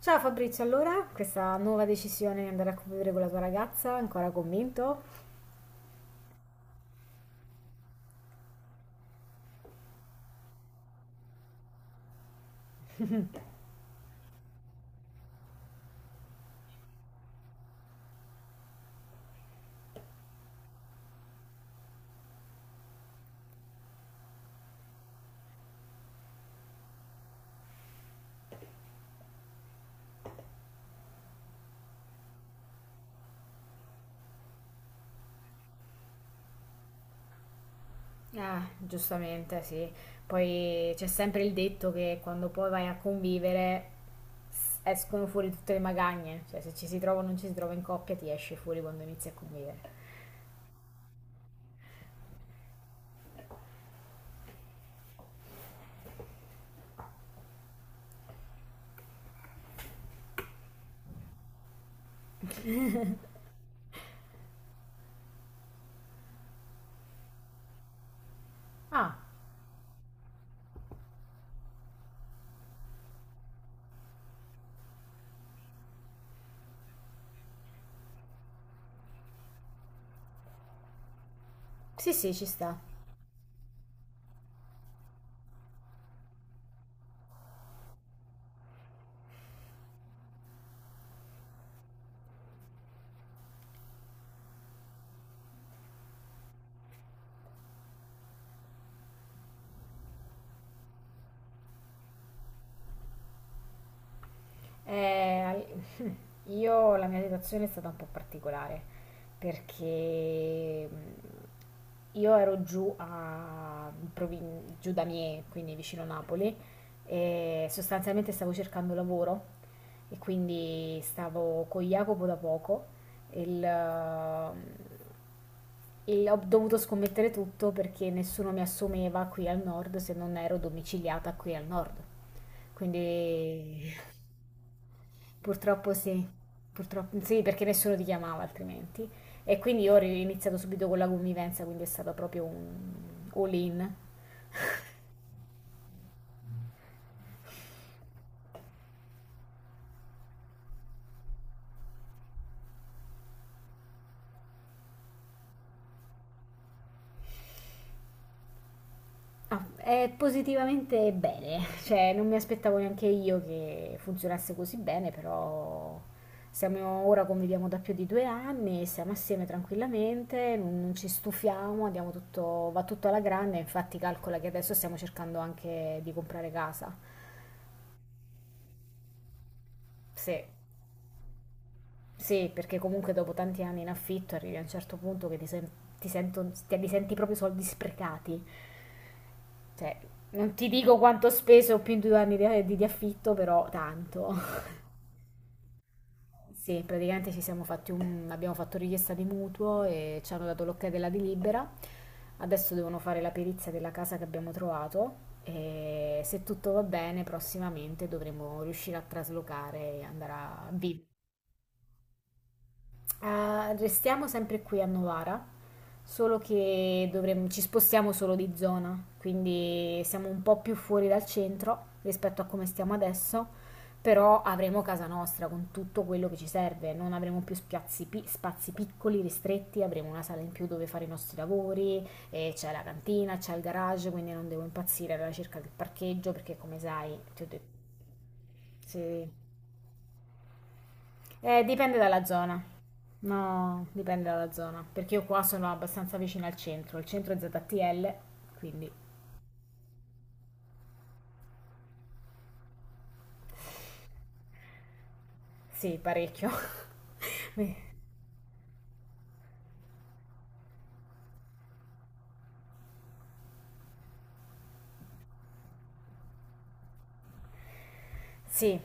Ciao Fabrizio, allora, questa nuova decisione di andare a convivere con la tua ragazza, ancora convinto? Ah, giustamente, sì. Poi c'è sempre il detto che quando poi vai a convivere escono fuori tutte le magagne, cioè se ci si trova o non ci si trova in coppia ti esce fuori quando inizi a convivere. Ah, sì, sì, ci sta. Eh, al- io la mia situazione è stata un po' particolare perché io ero giù, a, giù da Mie, quindi vicino Napoli, e sostanzialmente stavo cercando lavoro e quindi stavo con Jacopo da poco e il, mm, e ho dovuto scommettere tutto perché nessuno mi assumeva qui al nord se non ero domiciliata qui al nord. Quindi... Purtroppo sì, purtroppo sì, perché nessuno ti chiamava altrimenti. E quindi io ho iniziato subito con la convivenza, quindi è stato proprio un all-in. Ah, è positivamente bene, cioè non mi aspettavo neanche io che funzionasse così bene, però siamo ora conviviamo da più di due anni, siamo assieme tranquillamente, non ci stufiamo, andiamo tutto, va tutto alla grande, infatti calcola che adesso stiamo cercando anche di comprare casa. Sì. Sì, perché comunque dopo tanti anni in affitto arrivi a un certo punto che ti, sen- ti, sento- ti- li senti proprio i soldi sprecati. Cioè, non ti dico quanto ho speso più in due anni di affitto, però tanto. Sì, praticamente ci siamo fatti un, abbiamo fatto richiesta di mutuo e ci hanno dato l'ok della delibera. Adesso devono fare la perizia della casa che abbiamo trovato e se tutto va bene prossimamente dovremo riuscire a traslocare e andare a vivere. Restiamo sempre qui a Novara, solo che ci spostiamo solo di zona, quindi siamo un po' più fuori dal centro rispetto a come stiamo adesso, però avremo casa nostra con tutto quello che ci serve, non avremo più spazi piccoli, ristretti, avremo una sala in più dove fare i nostri lavori, e c'è la cantina, c'è il garage, quindi non devo impazzire alla ricerca del parcheggio perché come sai, ti ho detto, se- dipende dalla zona. No, dipende dalla zona, perché io qua sono abbastanza vicina al centro, il centro è ZTL, quindi sì, parecchio. Mi- Sì,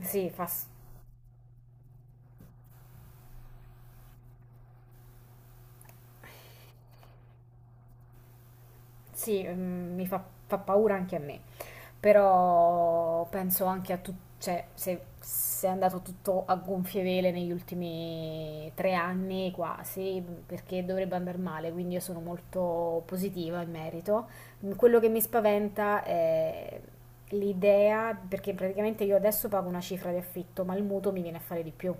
sì, fa, s- sì, mm, mi fa, Fa paura anche a me. Però penso anche a tutto, cioè se è andato tutto a gonfie vele negli ultimi tre anni quasi, perché dovrebbe andare male, quindi io sono molto positiva in merito. Quello che mi spaventa è l'idea, perché praticamente io adesso pago una cifra di affitto, ma il mutuo mi viene a fare di più.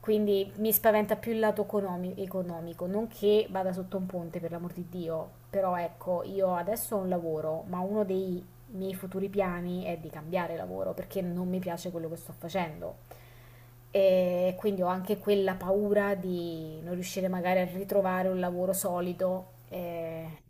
Quindi mi spaventa più il economico, non che vada sotto un ponte, per l'amor di Dio, però ecco, io adesso ho un lavoro, ma uno dei miei futuri piani è di cambiare lavoro perché non mi piace quello che sto facendo. E quindi ho anche quella paura di non riuscire magari a ritrovare un lavoro solido. E-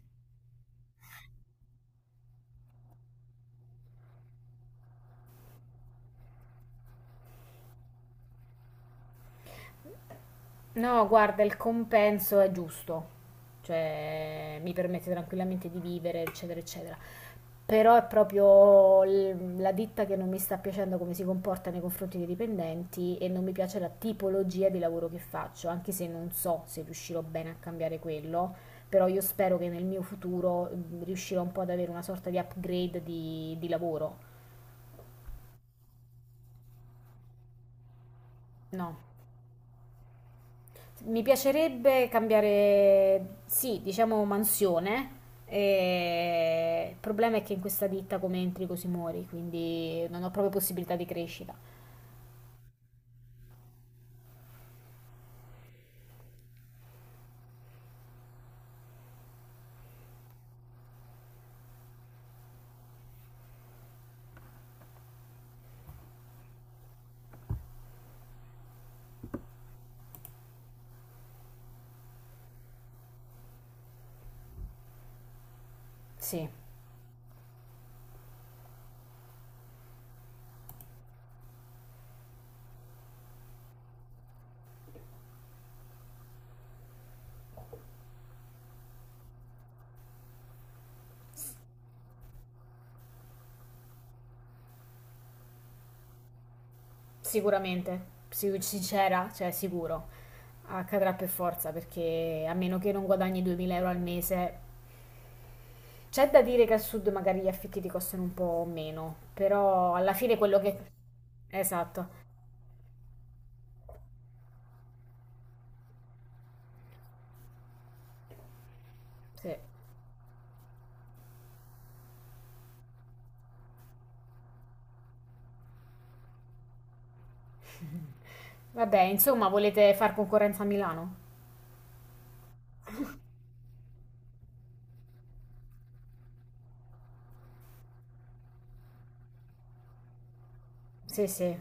No, guarda, il compenso è giusto, cioè mi permette tranquillamente di vivere, eccetera, eccetera. Però è proprio la ditta che non mi sta piacendo come si comporta nei confronti dei dipendenti e non mi piace la tipologia di lavoro che faccio, anche se non so se riuscirò bene a cambiare quello, però io spero che nel mio futuro riuscirò un po' ad avere una sorta di upgrade di lavoro. No. Mi piacerebbe cambiare, sì, diciamo mansione. Il problema è che in questa ditta come entri così muori, quindi non ho proprio possibilità di crescita. Sì. Sicuramente, sincera, cioè sicuro, accadrà per forza perché a meno che non guadagni 2000 euro al mese, c'è da dire che al sud magari gli affitti ti costano un po' meno, però alla fine quello che... Esatto, sì. Vabbè, insomma, volete far concorrenza a Milano? Sì, sì,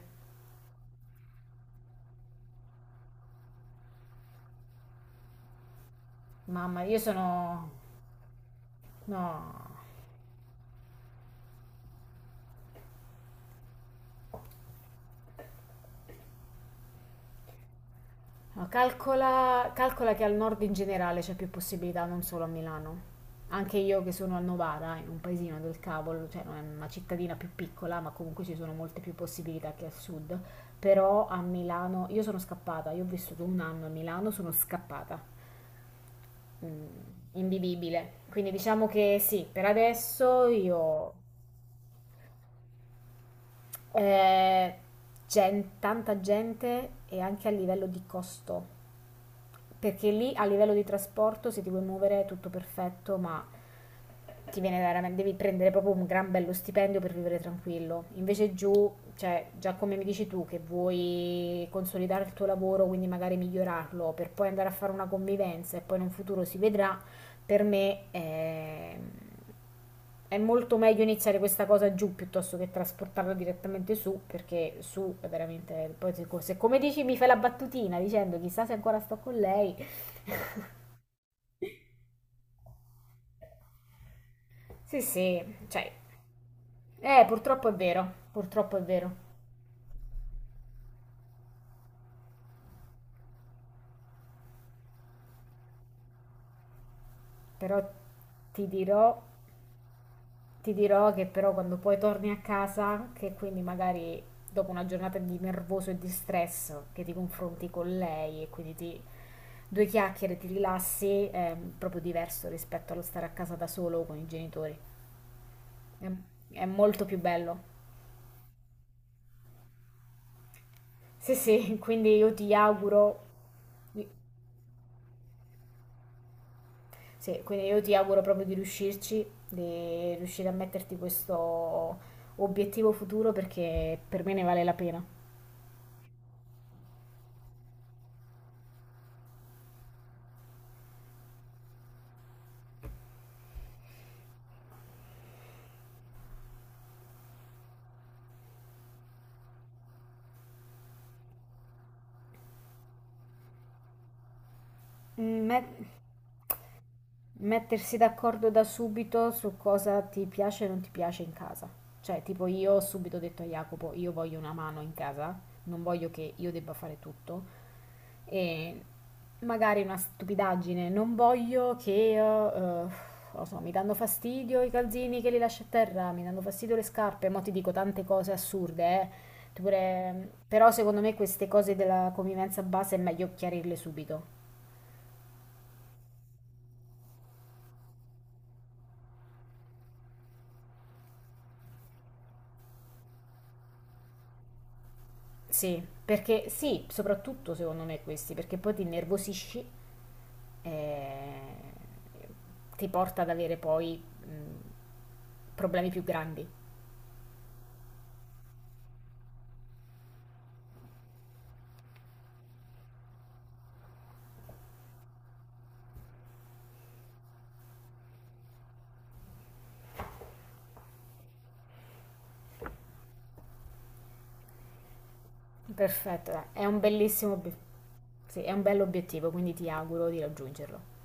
mamma, io sono... No. No, calcola, calcola che al nord in generale c'è più possibilità, non solo a Milano. Anche io che sono a Novara, in un paesino del cavolo, cioè non è una cittadina più piccola, ma comunque ci sono molte più possibilità che al sud. Però a Milano, io ho vissuto un anno a Milano, sono scappata, mm, invivibile. Quindi diciamo che sì, per adesso io... eh, tanta gente e anche a livello di costo. Perché lì a livello di trasporto, se ti vuoi muovere, è tutto perfetto, ma ti viene veramente, devi prendere proprio un gran bello stipendio per vivere tranquillo. Invece giù, cioè, già come mi dici tu, che vuoi consolidare il tuo lavoro, quindi magari migliorarlo, per poi andare a fare una convivenza e poi in un futuro si vedrà, per me è, è molto meglio iniziare questa cosa giù piuttosto che trasportarla direttamente su, perché su è veramente... Poi se come dici mi fai la battutina dicendo chissà se ancora sto con lei, sì, sì, cioè, purtroppo è vero, però ti dirò, ti dirò che però quando poi torni a casa, che quindi magari dopo una giornata di nervoso e di stress, che ti confronti con lei e quindi ti, due chiacchiere, ti rilassi, è proprio diverso rispetto allo stare a casa da solo con i genitori. È, è molto più bello. Sì, sì, quindi sì, quindi io ti auguro proprio di riuscirci, di riuscire a metterti questo obiettivo futuro perché per me ne vale la pena. Mm, met- Mettersi d'accordo da subito su cosa ti piace e non ti piace in casa. Cioè, tipo io ho subito detto a Jacopo, io voglio una mano in casa, non voglio che io debba fare tutto. E magari una stupidaggine, non voglio che, non lo so, mi danno fastidio i calzini che li lascio a terra, mi danno fastidio le scarpe, mo ti dico tante cose assurde, eh. Però secondo me queste cose della convivenza base è meglio chiarirle subito. Sì, perché sì, soprattutto secondo me questi, perché poi ti innervosisci e ti porta ad avere poi problemi più grandi. Perfetto, dai, è un bellissimo, obie- sì, è un bell'obiettivo, quindi ti auguro di raggiungerlo.